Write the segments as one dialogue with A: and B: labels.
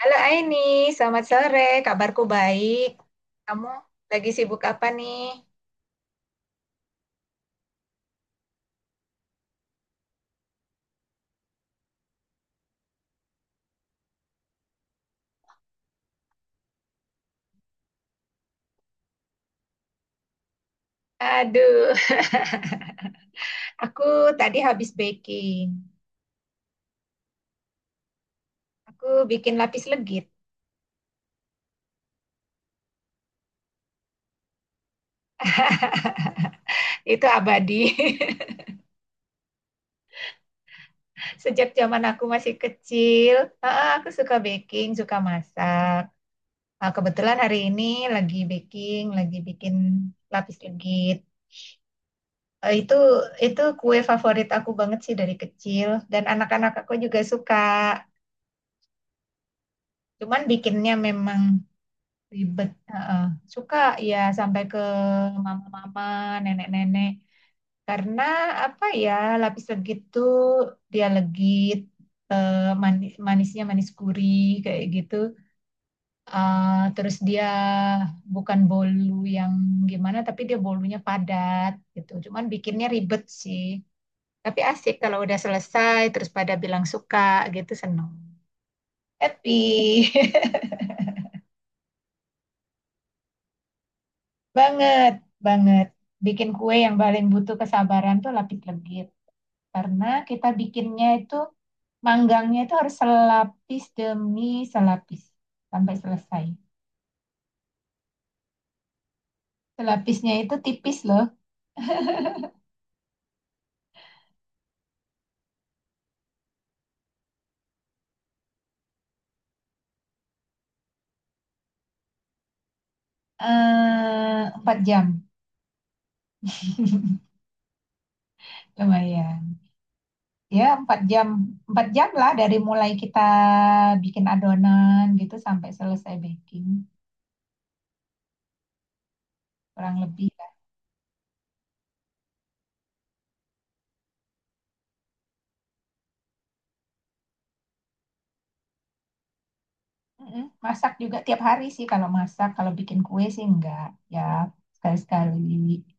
A: Halo Aini, selamat sore. Kabarku baik. Kamu lagi sibuk apa nih? Aduh, aku tadi habis baking. Aku bikin lapis legit. Itu abadi. Sejak zaman aku masih kecil, ah, aku suka baking, suka masak. Nah, kebetulan hari ini lagi baking, lagi bikin lapis legit. Eh, Itu kue favorit aku banget sih dari kecil dan anak-anak aku juga suka. Cuman bikinnya memang ribet, heeh. Suka ya sampai ke mama-mama, nenek-nenek. Karena apa ya, lapis legit tuh dia legit, eh, manisnya manis gurih kayak gitu. Eh, terus dia bukan bolu yang gimana, tapi dia bolunya padat gitu. Cuman bikinnya ribet sih. Tapi asik kalau udah selesai, terus pada bilang suka gitu, seneng. Happy. Banget, banget. Bikin kue yang paling butuh kesabaran tuh lapis legit. Karena kita bikinnya itu, manggangnya itu harus selapis demi selapis. Sampai selesai. Selapisnya itu tipis loh. Eh, 4 jam. Lumayan. Ya, 4 jam. 4 jam lah dari mulai kita bikin adonan gitu sampai selesai baking. Kurang lebih. Mm-mm. Masak juga tiap hari sih kalau masak, kalau bikin kue sih enggak. Ya sekali-sekali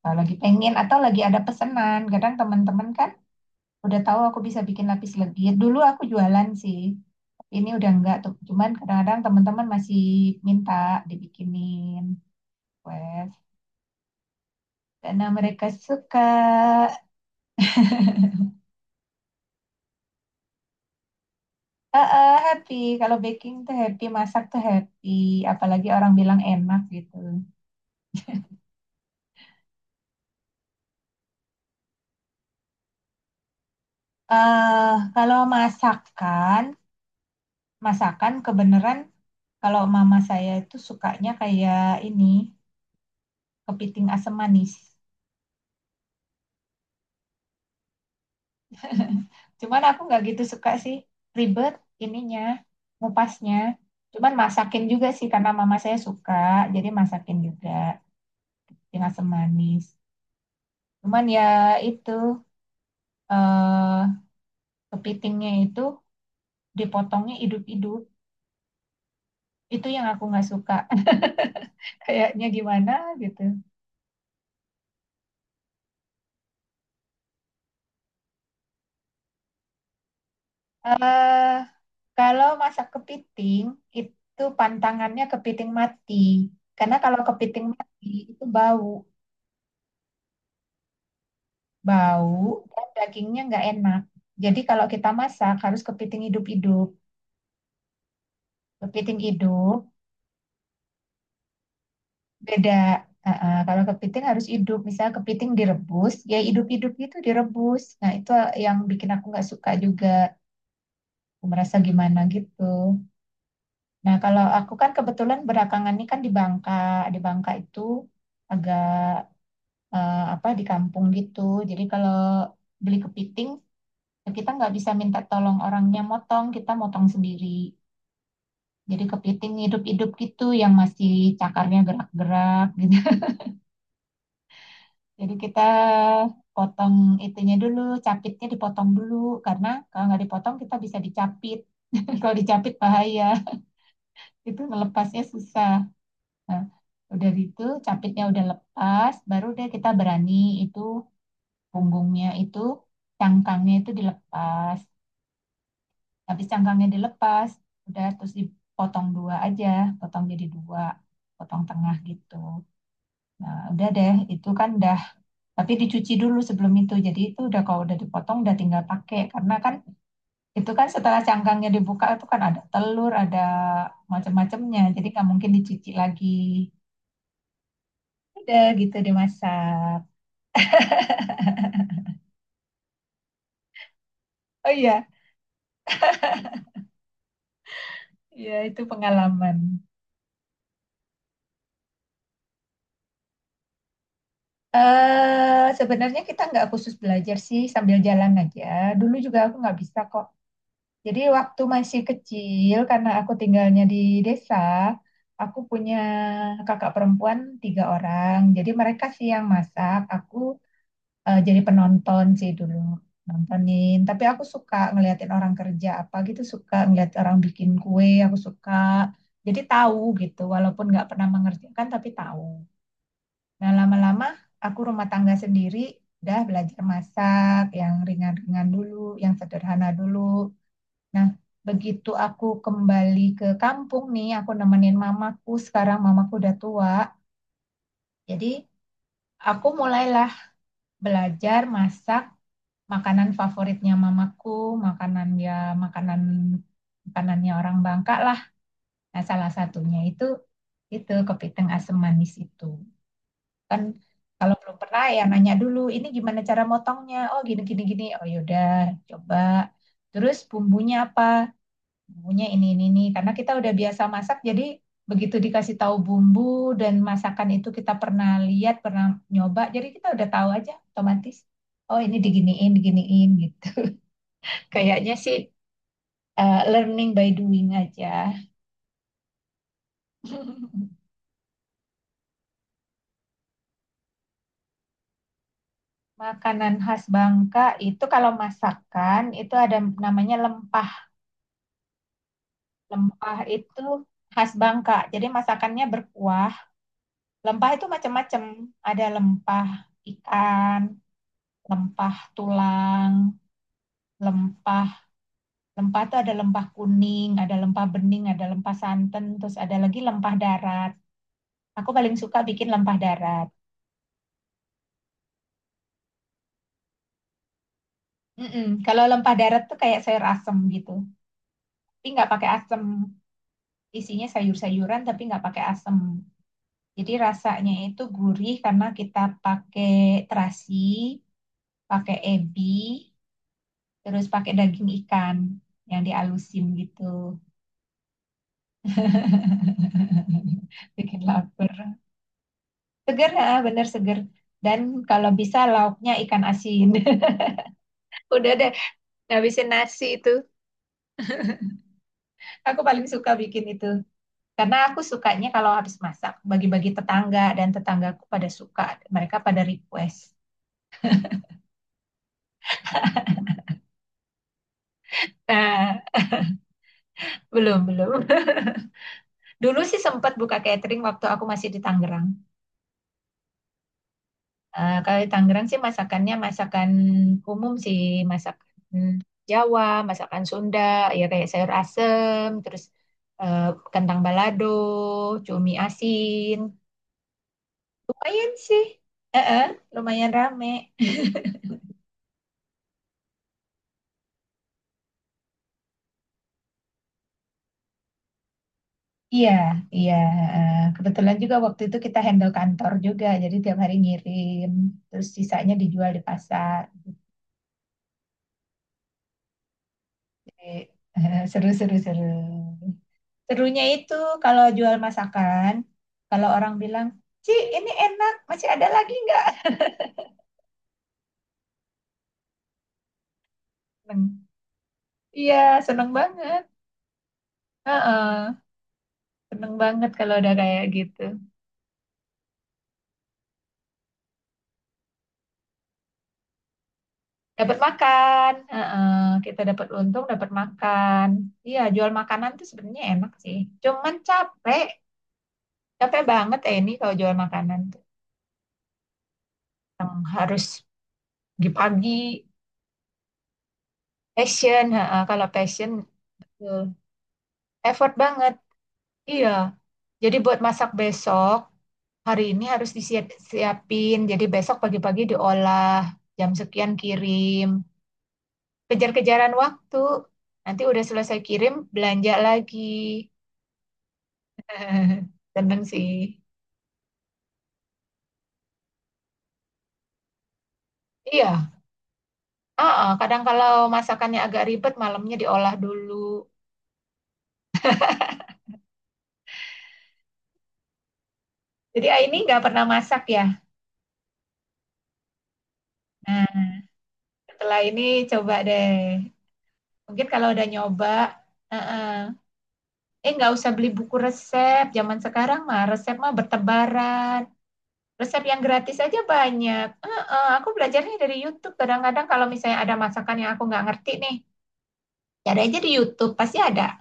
A: kalau lagi pengen atau lagi ada pesanan. Kadang teman-teman kan udah tahu aku bisa bikin lapis legit. Dulu aku jualan sih, tapi ini udah enggak tuh. Cuman kadang-kadang teman-teman masih minta dibikinin kue. Karena mereka suka, eh, eh, happy. Kalau baking tuh happy, masak tuh happy. Apalagi orang bilang enak gitu. Eh, kalau masakan, masakan kebenaran kalau mama saya itu sukanya kayak ini kepiting asam manis. Cuman aku nggak gitu suka sih, ribet ininya, ngupasnya. Cuman masakin juga sih karena mama saya suka, jadi masakin juga kepiting asam manis. Cuman ya itu, eh, kepitingnya itu dipotongnya hidup-hidup. Itu yang aku nggak suka. Kayaknya gimana gitu. Eh, kalau masak kepiting, itu pantangannya kepiting mati. Karena kalau kepiting mati itu bau, bau dan dagingnya nggak enak. Jadi kalau kita masak harus kepiting hidup-hidup. Kepiting hidup beda. Ah, ah, kalau kepiting harus hidup, misalnya kepiting direbus, ya hidup-hidup gitu direbus. Nah itu yang bikin aku nggak suka juga. Aku merasa gimana gitu. Nah kalau aku kan kebetulan belakangan ini kan di Bangka itu agak, eh, apa, di kampung gitu. Jadi kalau beli kepiting kita nggak bisa minta tolong orangnya motong, kita motong sendiri. Jadi kepiting hidup-hidup gitu yang masih cakarnya gerak-gerak gitu. Jadi kita potong itunya dulu, capitnya dipotong dulu karena kalau nggak dipotong kita bisa dicapit. Kalau dicapit bahaya, itu melepasnya susah. Nah, udah gitu capitnya udah lepas, baru deh kita berani itu punggungnya itu cangkangnya itu dilepas, habis cangkangnya dilepas udah terus dipotong dua aja, potong jadi dua, potong tengah gitu. Nah udah deh itu kan dah, tapi dicuci dulu sebelum itu, jadi itu udah, kalau udah dipotong udah tinggal pakai, karena kan itu kan setelah cangkangnya dibuka itu kan ada telur, ada macam-macamnya, jadi nggak mungkin dicuci lagi. Udah gitu dimasak. Oh iya, iya itu pengalaman. Eh, sebenarnya kita nggak khusus belajar sih, sambil jalan aja. Dulu juga aku nggak bisa kok. Jadi waktu masih kecil karena aku tinggalnya di desa, aku punya kakak perempuan tiga orang. Jadi mereka sih yang masak, aku, eh, jadi penonton sih dulu, nontonin. Tapi aku suka ngeliatin orang kerja apa gitu, suka ngeliat orang bikin kue, aku suka. Jadi tahu gitu, walaupun nggak pernah mengerjakan tapi tahu. Nah, lama-lama aku rumah tangga sendiri, udah belajar masak yang ringan-ringan dulu, yang sederhana dulu. Nah, begitu aku kembali ke kampung nih, aku nemenin mamaku, sekarang mamaku udah tua. Jadi, aku mulailah belajar masak makanan favoritnya mamaku, makanan, ya makanan, makanannya orang Bangka lah. Nah, salah satunya itu kepiting asam manis itu. Kan kalau belum pernah ya nanya dulu ini gimana cara motongnya, oh gini gini gini, oh yaudah coba, terus bumbunya apa, bumbunya ini, karena kita udah biasa masak jadi begitu dikasih tahu bumbu dan masakan itu kita pernah lihat, pernah nyoba, jadi kita udah tahu aja otomatis, oh ini diginiin, diginiin gitu. Kayaknya sih, eh, learning by doing aja. Makanan khas Bangka itu kalau masakan itu ada namanya lempa. Lempah itu khas Bangka. Jadi masakannya berkuah. Lempah itu macam-macam. Ada lempah ikan, lempah tulang, lempah. Lempah itu ada lempah kuning, ada lempah bening, ada lempah santan, terus ada lagi lempah darat. Aku paling suka bikin lempah darat. Mm-mm. Kalau lempah darat tuh kayak sayur asem gitu. Tapi nggak pakai asem. Isinya sayur-sayuran tapi nggak pakai asem. Jadi rasanya itu gurih karena kita pakai terasi, pakai ebi, terus pakai daging ikan yang dialusin gitu. Bikin lapar. Seger, ah, bener seger. Dan kalau bisa lauknya ikan asin. Udah deh, habisin nasi itu. Aku paling suka bikin itu. Karena aku sukanya kalau habis masak, bagi-bagi tetangga dan tetanggaku pada suka. Mereka pada request. Nah, belum, belum. Dulu sih sempat buka catering waktu aku masih di Tangerang. Eh, kalau di Tangerang sih masakannya masakan umum sih, masakan Jawa, masakan Sunda, ya kayak sayur asem, terus, eh, kentang balado, cumi asin. Lumayan sih, eh, eh, lumayan rame. Iya, iya. Eh, kebetulan juga waktu itu kita handle kantor juga, jadi tiap hari ngirim, terus sisanya dijual di pasar. Jadi, seru, seru, seru. Serunya itu kalau jual masakan, kalau orang bilang, Ci, ini enak, masih ada lagi nggak? Seneng. Iya, seneng banget. Heeh, seneng banget kalau udah kayak gitu. Dapat makan, heeh, kita dapat untung, dapat makan. Iya, jual makanan tuh sebenarnya enak sih. Cuman capek, capek banget ya ini kalau jual makanan tuh. Yang harus pagi-pagi, passion, heeh, kalau passion, betul. Effort banget. Iya, jadi buat masak besok, hari ini harus disiapin, jadi besok pagi-pagi diolah, jam sekian kirim. Kejar-kejaran waktu, nanti udah selesai kirim, belanja lagi. Seneng sih. Iya, ah, ah, kadang kalau masakannya agak ribet, malamnya diolah dulu. Jadi ah, ini nggak pernah masak ya. Nah, setelah ini coba deh. Mungkin kalau udah nyoba, ah, ah. Eh, nggak usah beli buku resep. Zaman sekarang mah resep mah bertebaran. Resep yang gratis aja banyak. Heeh, aku belajarnya dari YouTube. Kadang-kadang kalau misalnya ada masakan yang aku nggak ngerti nih, cari aja di YouTube, pasti ada.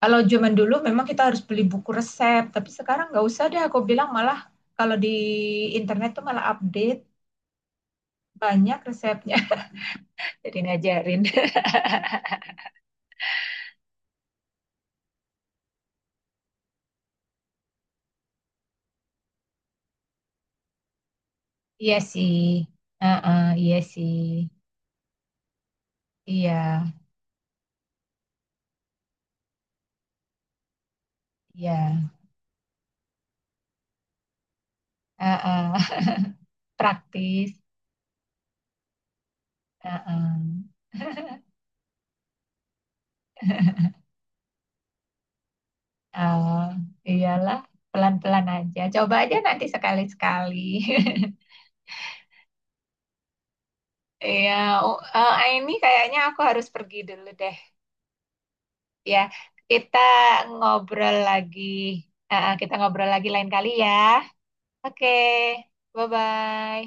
A: Kalau zaman dulu memang kita harus beli buku resep, tapi sekarang nggak usah deh. Aku bilang malah kalau di internet tuh malah update banyak resepnya. Jadi ngajarin. Iya sih, heeh, iya sih, iya, iya, heeh. Praktis. Heeh. Oh, iyalah, pelan-pelan aja. Coba aja nanti sekali-sekali. Iya, oh, eh, ini kayaknya aku harus pergi dulu deh. Ya, kita ngobrol lagi. Eh, eh, kita ngobrol lagi lain kali ya. Oke, bye-bye.